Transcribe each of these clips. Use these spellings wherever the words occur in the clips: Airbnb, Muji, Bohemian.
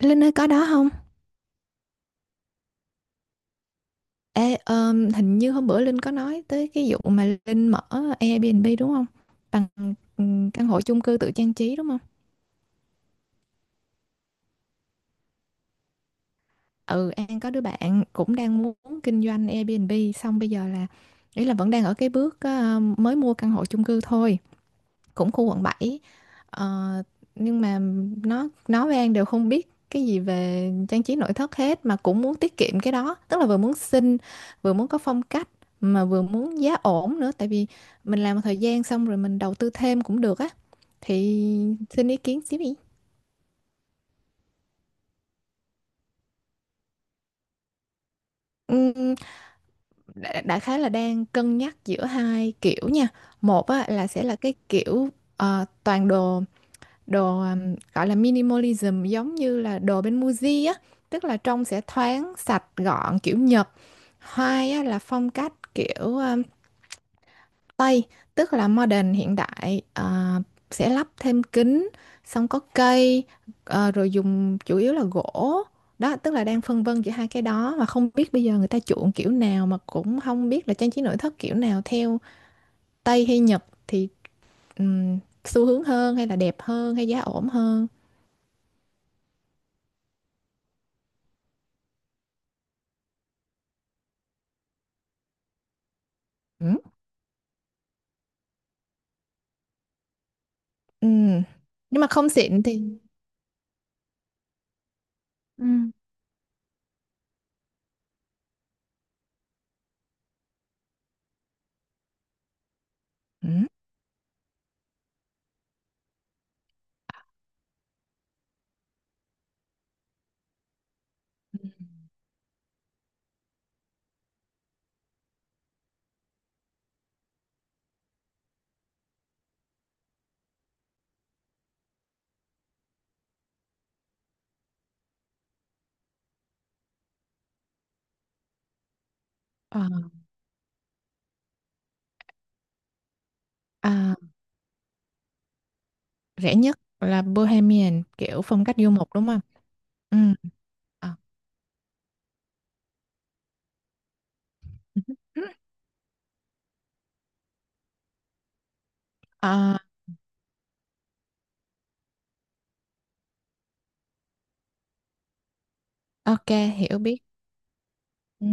Linh ơi có đó không? Ê, hình như hôm bữa Linh có nói tới cái vụ mà Linh mở Airbnb đúng không? Bằng căn hộ chung cư tự trang trí đúng không? Ừ, An có đứa bạn cũng đang muốn kinh doanh Airbnb, xong bây giờ là ý là vẫn đang ở cái bước mới mua căn hộ chung cư thôi. Cũng khu quận 7. Ờ, nhưng mà nó với An đều không biết cái gì về trang trí nội thất hết, mà cũng muốn tiết kiệm cái đó, tức là vừa muốn xinh, vừa muốn có phong cách, mà vừa muốn giá ổn nữa, tại vì mình làm một thời gian xong rồi mình đầu tư thêm cũng được á, thì xin ý kiến xíu đi. Ừm, đại khái là đang cân nhắc giữa hai kiểu nha. Một á, là sẽ là cái kiểu toàn đồ đồ gọi là minimalism, giống như là đồ bên Muji á, tức là trông sẽ thoáng sạch gọn kiểu Nhật. Hai á, là phong cách kiểu Tây, tức là modern hiện đại à, sẽ lắp thêm kính, xong có cây, rồi dùng chủ yếu là gỗ. Đó, tức là đang phân vân giữa hai cái đó, mà không biết bây giờ người ta chuộng kiểu nào, mà cũng không biết là trang trí nội thất kiểu nào, theo Tây hay Nhật thì um, xu hướng hơn hay là đẹp hơn hay giá ổn hơn. Ừ. Ừ. Nhưng mà không xịn thì. Ừ. Ừ. Ờ, à, rẻ nhất là Bohemian, kiểu phong cách du mục đúng không? Ừ. Ờ. Ờ, ok, hiểu biết. Ừ.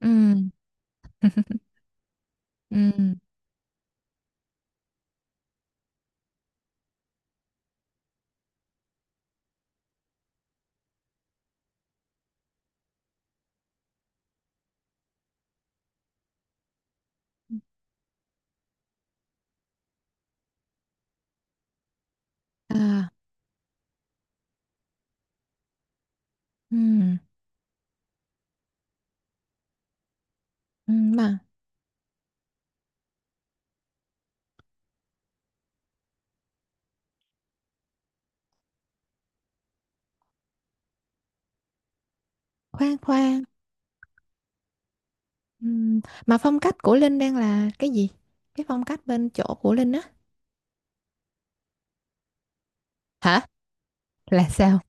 Ừ. Ừ. À, ừ. Ừ. Mà khoan khoan, ừ. Mà phong cách của Linh đang là cái gì? Cái phong cách bên chỗ của Linh á. Hả? Là sao?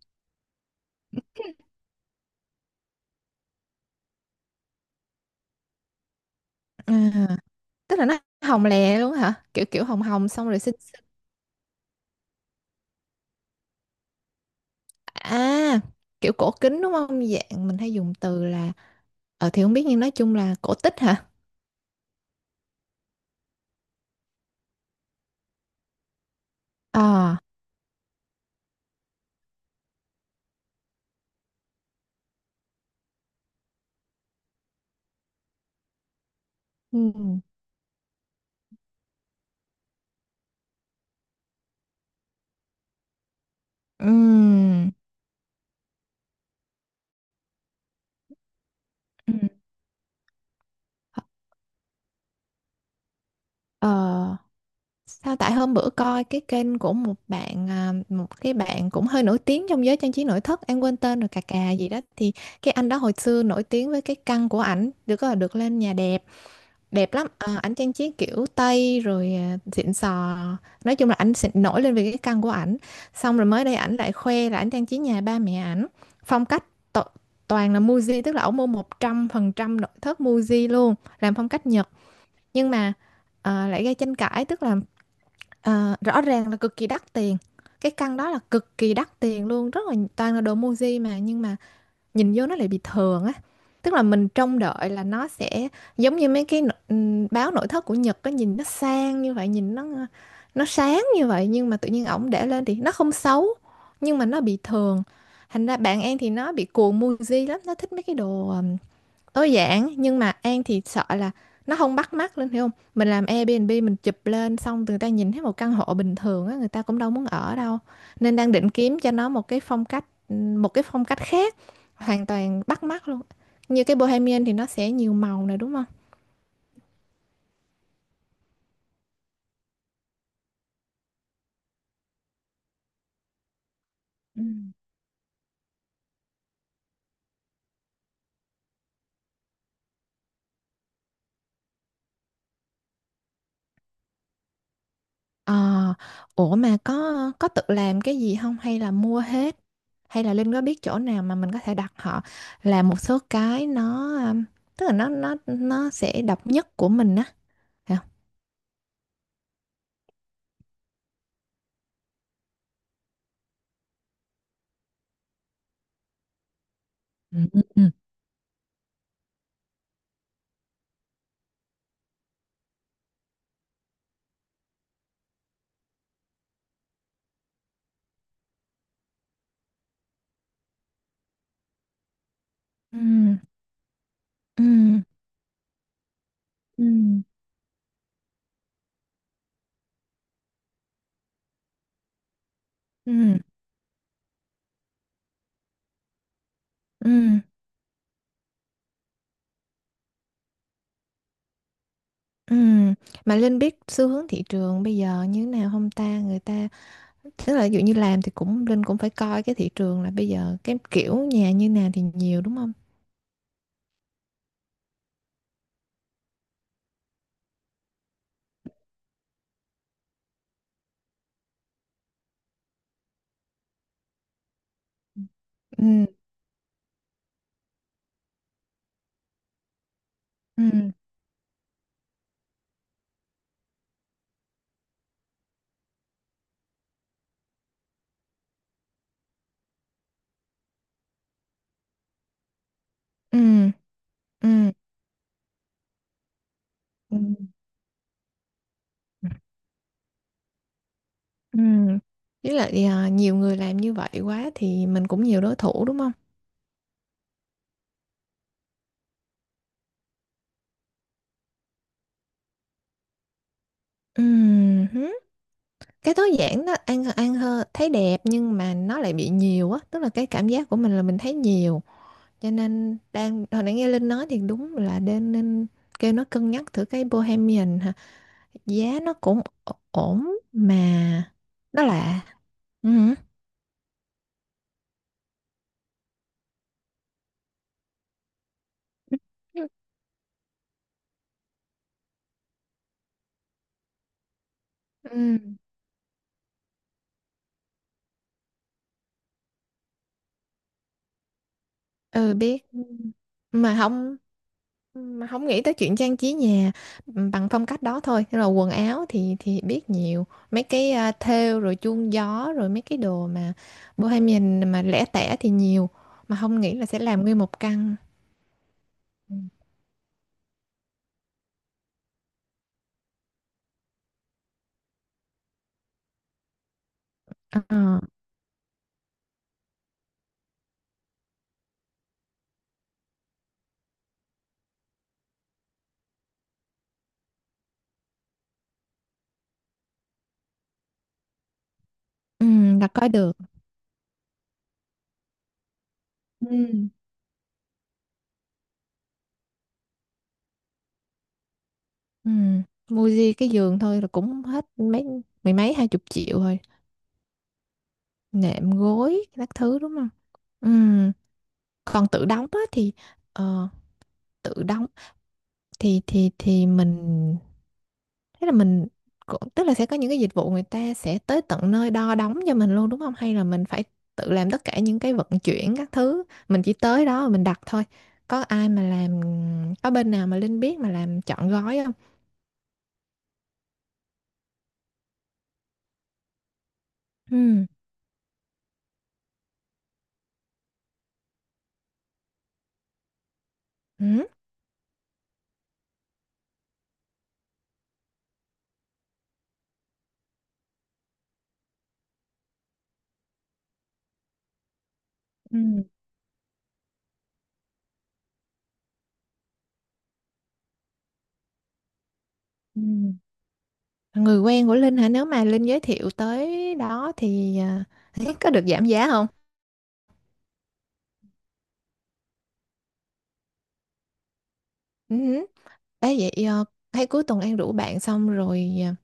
À, tức là nó hồng lè luôn hả? Kiểu kiểu hồng hồng xong rồi xinh. À, kiểu cổ kính đúng không? Dạng mình hay dùng từ là, ờ thì không biết, nhưng nói chung là cổ tích hả? Ờ. Ừ. Ừm. Ừ. Ờ, sao tại hôm bữa coi cái kênh của một bạn, à, một cái bạn cũng hơi nổi tiếng trong giới trang trí nội thất, em quên tên rồi, cà cà gì đó thì cái anh đó hồi xưa nổi tiếng với cái căn của ảnh, được gọi là được lên nhà đẹp, đẹp lắm. Ờ, ảnh trang trí kiểu Tây rồi, à, xịn sò, nói chung là ảnh xịn, nổi lên về cái căn của ảnh. Xong rồi mới đây ảnh lại khoe là ảnh trang trí nhà ba mẹ ảnh phong cách to, toàn là Muji, tức là ổng mua 100% nội thất Muji luôn, làm phong cách Nhật. Nhưng mà lại gây tranh cãi, tức là rõ ràng là cực kỳ đắt tiền, cái căn đó là cực kỳ đắt tiền luôn, rất là toàn là đồ Muji, mà nhưng mà nhìn vô nó lại bị thường á. Tức là mình trông đợi là nó sẽ giống như mấy cái báo nội thất của Nhật á, nhìn nó sang như vậy, nhìn nó sáng như vậy, nhưng mà tự nhiên ổng để lên thì nó không xấu nhưng mà nó bị thường. Thành ra bạn em thì nó bị cuồng Muji lắm, nó thích mấy cái đồ, à, tối giản, nhưng mà An thì sợ là nó không bắt mắt lên, hiểu không, mình làm Airbnb mình chụp lên xong người ta nhìn thấy một căn hộ bình thường á, người ta cũng đâu muốn ở đâu. Nên đang định kiếm cho nó một cái phong cách, một cái phong cách khác hoàn toàn, bắt mắt luôn, như cái Bohemian thì nó sẽ nhiều màu này đúng không. Ừ. Ờ, ủa mà có tự làm cái gì không hay là mua hết, hay là Linh có biết chỗ nào mà mình có thể đặt họ làm một số cái nó tức là nó sẽ độc nhất của mình á. Ừm. Ừm. Ừm. Ừm. Ừm, ừm, ừm, Mà Linh biết xu hướng thị trường bây giờ như thế nào không ta? Người ta, tức là ví dụ như làm thì cũng Linh cũng phải coi cái thị trường, là bây giờ cái kiểu nhà như nào thì nhiều đúng không? Ừm. Ừm. Ừm. Ừm. Ừm. Ừm. Với lại, à, nhiều người làm như vậy quá thì mình cũng nhiều đối thủ đúng không? Ừm. Cái tối giản đó ăn ăn hơn, thấy đẹp, nhưng mà nó lại bị nhiều á, tức là cái cảm giác của mình là mình thấy nhiều. Cho nên đang hồi nãy nghe Linh nói thì đúng là nên nên kêu nó cân nhắc thử cái Bohemian hả, giá nó cũng ổn mà, nó lạ. Ừ. Ừ. Ừ biết. Ừ. Mà không, mà không nghĩ tới chuyện trang trí nhà, ừ, bằng phong cách đó thôi. Thế là quần áo thì biết nhiều mấy cái, à, thêu rồi chuông gió rồi mấy cái đồ mà bohemian mà lẻ tẻ thì nhiều, mà không nghĩ là sẽ làm nguyên một căn. Ừ. Ờ, ừ, là coi được. Ừ. Ừ. Mua gì cái giường thôi là cũng hết mấy mười mấy 20 triệu rồi, nệm gối các thứ đúng không. Ừ. Còn tự đóng á thì ờ, tự đóng thì mình thế là mình cũng, tức là sẽ có những cái dịch vụ người ta sẽ tới tận nơi đo đóng cho mình luôn đúng không, hay là mình phải tự làm tất cả những cái vận chuyển các thứ, mình chỉ tới đó rồi mình đặt thôi. Có ai mà làm, có bên nào mà Linh biết mà làm trọn gói không. Ừ. Ừ. Ừ. Ừ. Người quen của Linh hả, nếu mà Linh giới thiệu tới đó thì, à, có được giảm giá không. Ừ. Ê, vậy à, hay cuối tuần An rủ bạn, xong rồi à,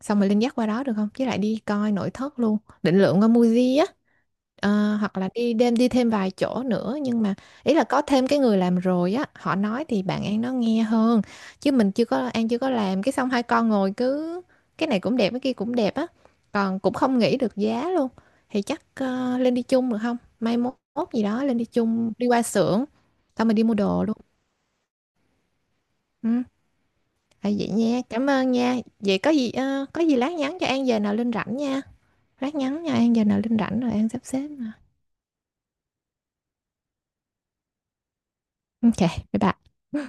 xong rồi Linh dắt qua đó được không, với lại đi coi nội thất luôn, định lượng qua Muji á. Ờ, hoặc là đi đêm đi thêm vài chỗ nữa, nhưng mà ý là có thêm cái người làm rồi á, họ nói thì bạn An nó nghe hơn, chứ mình chưa có, An chưa có làm cái, xong hai con ngồi cứ cái này cũng đẹp cái kia cũng đẹp á, còn cũng không nghĩ được giá luôn. Thì chắc lên đi chung được không, mai mốt mốt gì đó lên đi chung đi qua xưởng, xong mình đi mua đồ luôn. Ừ. À, vậy nha, cảm ơn nha, vậy có gì có gì lát nhắn cho An giờ nào Linh rảnh nha. Lát nhắn nha, An giờ nào Linh rảnh rồi An sắp xếp mà. Ok, bye bye.